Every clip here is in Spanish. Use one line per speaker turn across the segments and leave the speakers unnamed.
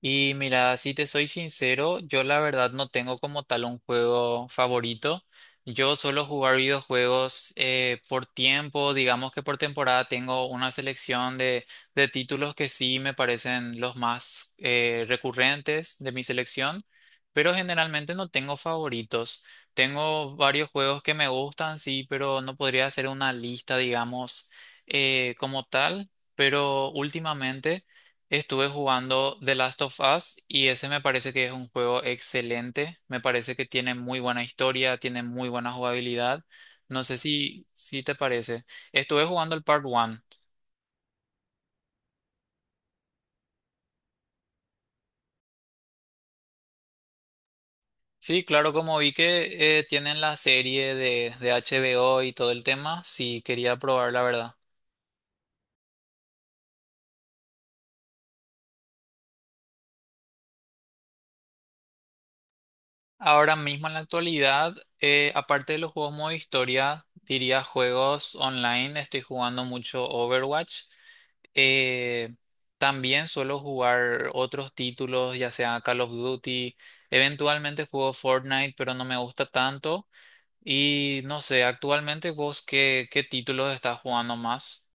Y mira, si te soy sincero, yo la verdad no tengo como tal un juego favorito. Yo suelo jugar videojuegos por tiempo, digamos que por temporada tengo una selección de títulos que sí me parecen los más recurrentes de mi selección, pero generalmente no tengo favoritos. Tengo varios juegos que me gustan, sí, pero no podría hacer una lista, digamos, como tal, pero últimamente, estuve jugando The Last of Us y ese me parece que es un juego excelente. Me parece que tiene muy buena historia, tiene muy buena jugabilidad. No sé si te parece. Estuve jugando el Part 1. Sí, claro, como vi que tienen la serie de HBO y todo el tema, sí quería probar la verdad. Ahora mismo en la actualidad, aparte de los juegos modo historia, diría juegos online, estoy jugando mucho Overwatch. Eh, También suelo jugar otros títulos, ya sea Call of Duty. Eventualmente juego Fortnite, pero no me gusta tanto. Y no sé, actualmente vos qué títulos estás jugando más?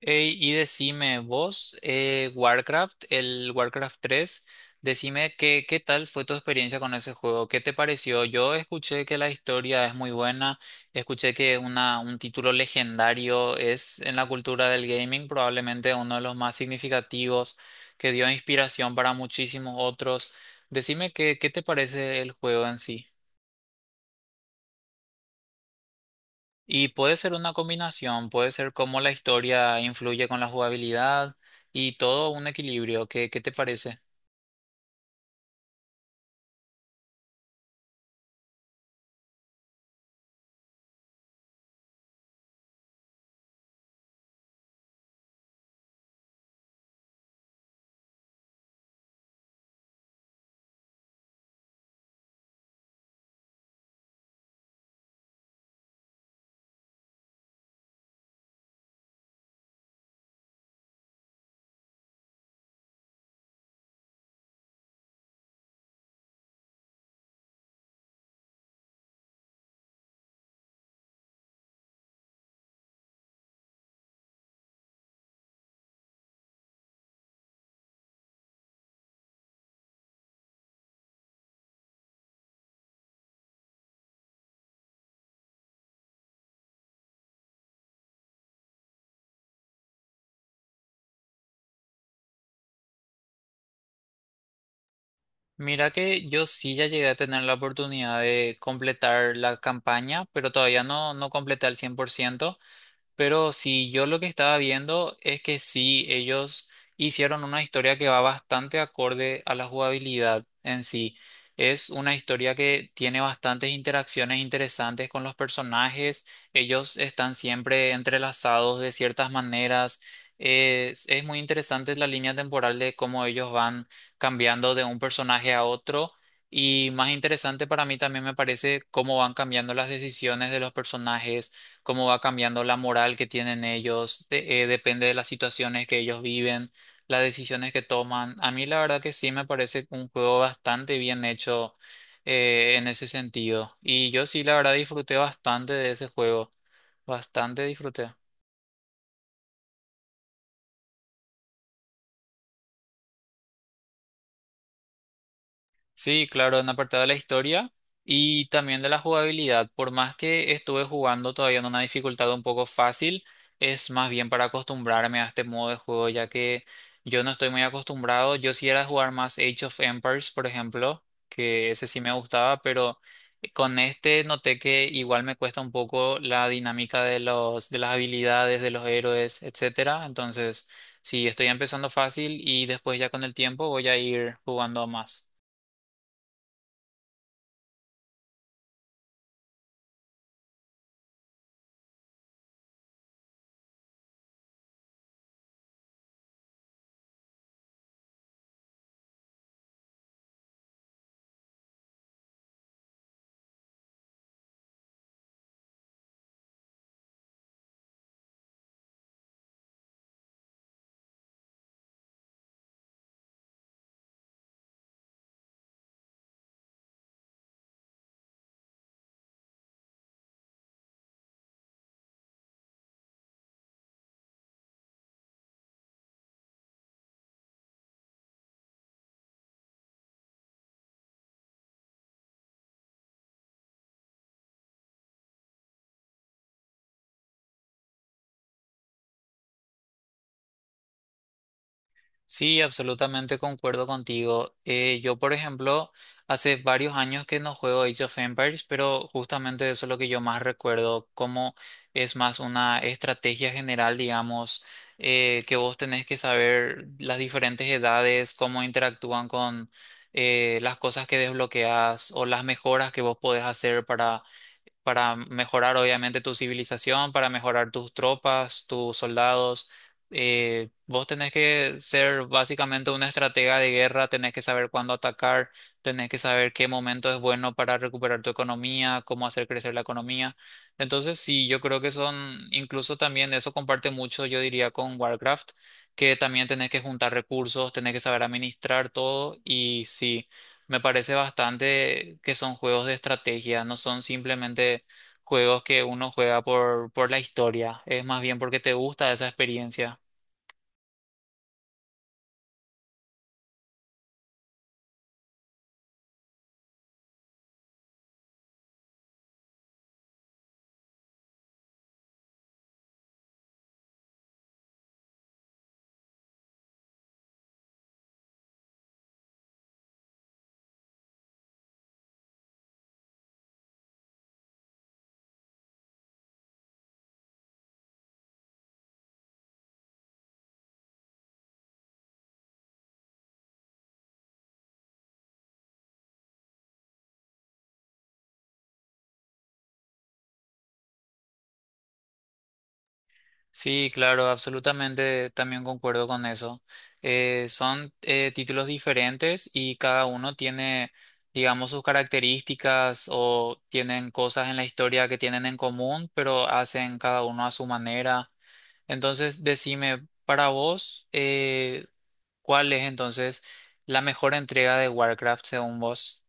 Ey, y decime vos, Warcraft, el Warcraft tres, decime qué tal fue tu experiencia con ese juego, qué te pareció. Yo escuché que la historia es muy buena, escuché que es una, un título legendario es en la cultura del gaming probablemente uno de los más significativos, que dio inspiración para muchísimos otros. Decime qué te parece el juego en sí. Y puede ser una combinación, puede ser cómo la historia influye con la jugabilidad y todo un equilibrio. ¿Qué, qué te parece? Mira que yo sí ya llegué a tener la oportunidad de completar la campaña, pero todavía no, no completé al 100%. Pero si yo lo que estaba viendo es que sí, ellos hicieron una historia que va bastante acorde a la jugabilidad en sí. Es una historia que tiene bastantes interacciones interesantes con los personajes. Ellos están siempre entrelazados de ciertas maneras. Es muy interesante la línea temporal de cómo ellos van cambiando de un personaje a otro. Y más interesante para mí también me parece cómo van cambiando las decisiones de los personajes, cómo va cambiando la moral que tienen ellos, depende de las situaciones que ellos viven, las decisiones que toman. A mí la verdad que sí me parece un juego bastante bien hecho en ese sentido. Y yo sí la verdad disfruté bastante de ese juego, bastante disfruté. Sí, claro, en apartado de la historia y también de la jugabilidad. Por más que estuve jugando todavía en una dificultad un poco fácil, es más bien para acostumbrarme a este modo de juego, ya que yo no estoy muy acostumbrado. Yo sí era de jugar más Age of Empires, por ejemplo, que ese sí me gustaba, pero con este noté que igual me cuesta un poco la dinámica de de las habilidades, de los héroes, etcétera. Entonces, sí, estoy empezando fácil y después ya con el tiempo voy a ir jugando más. Sí, absolutamente concuerdo contigo. Yo, por ejemplo, hace varios años que no juego Age of Empires, pero justamente eso es lo que yo más recuerdo, como es más una estrategia general, digamos, que vos tenés que saber las diferentes edades, cómo interactúan con las cosas que desbloqueas o las mejoras que vos podés hacer para mejorar obviamente tu civilización, para mejorar tus tropas, tus soldados. Vos tenés que ser básicamente una estratega de guerra, tenés que saber cuándo atacar, tenés que saber qué momento es bueno para recuperar tu economía, cómo hacer crecer la economía. Entonces, sí, yo creo que son, incluso también eso comparte mucho, yo diría, con Warcraft, que también tenés que juntar recursos, tenés que saber administrar todo y sí. Me parece bastante que son juegos de estrategia, no son simplemente juegos que uno juega por la historia, es más bien porque te gusta esa experiencia. Sí, claro, absolutamente también concuerdo con eso. Son títulos diferentes y cada uno tiene, digamos, sus características o tienen cosas en la historia que tienen en común, pero hacen cada uno a su manera. Entonces, decime, para vos, ¿cuál es entonces la mejor entrega de Warcraft según vos?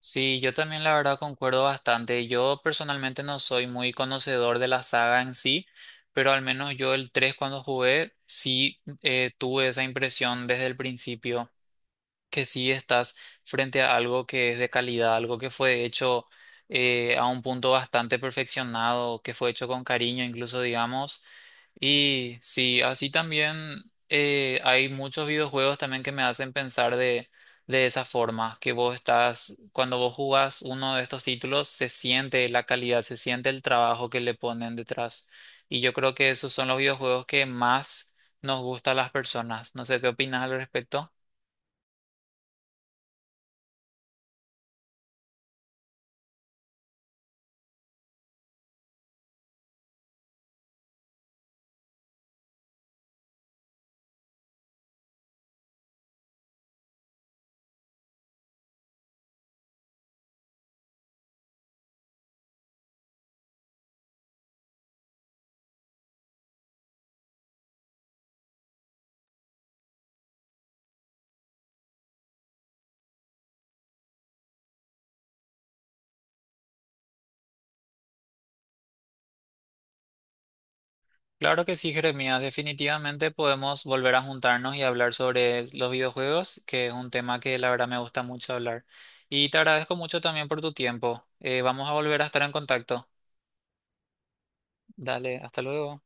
Sí, yo también la verdad concuerdo bastante. Yo personalmente no soy muy conocedor de la saga en sí, pero al menos yo el 3 cuando jugué sí tuve esa impresión desde el principio, que sí estás frente a algo que es de calidad, algo que fue hecho a un punto bastante perfeccionado, que fue hecho con cariño incluso, digamos. Y sí, así también hay muchos videojuegos también que me hacen pensar de esa forma, que vos estás, cuando vos jugás uno de estos títulos, se siente la calidad, se siente el trabajo que le ponen detrás. Y yo creo que esos son los videojuegos que más nos gustan a las personas. No sé qué opinas al respecto. Claro que sí, Jeremías. Definitivamente podemos volver a juntarnos y hablar sobre los videojuegos, que es un tema que la verdad me gusta mucho hablar. Y te agradezco mucho también por tu tiempo. Vamos a volver a estar en contacto. Dale, hasta luego.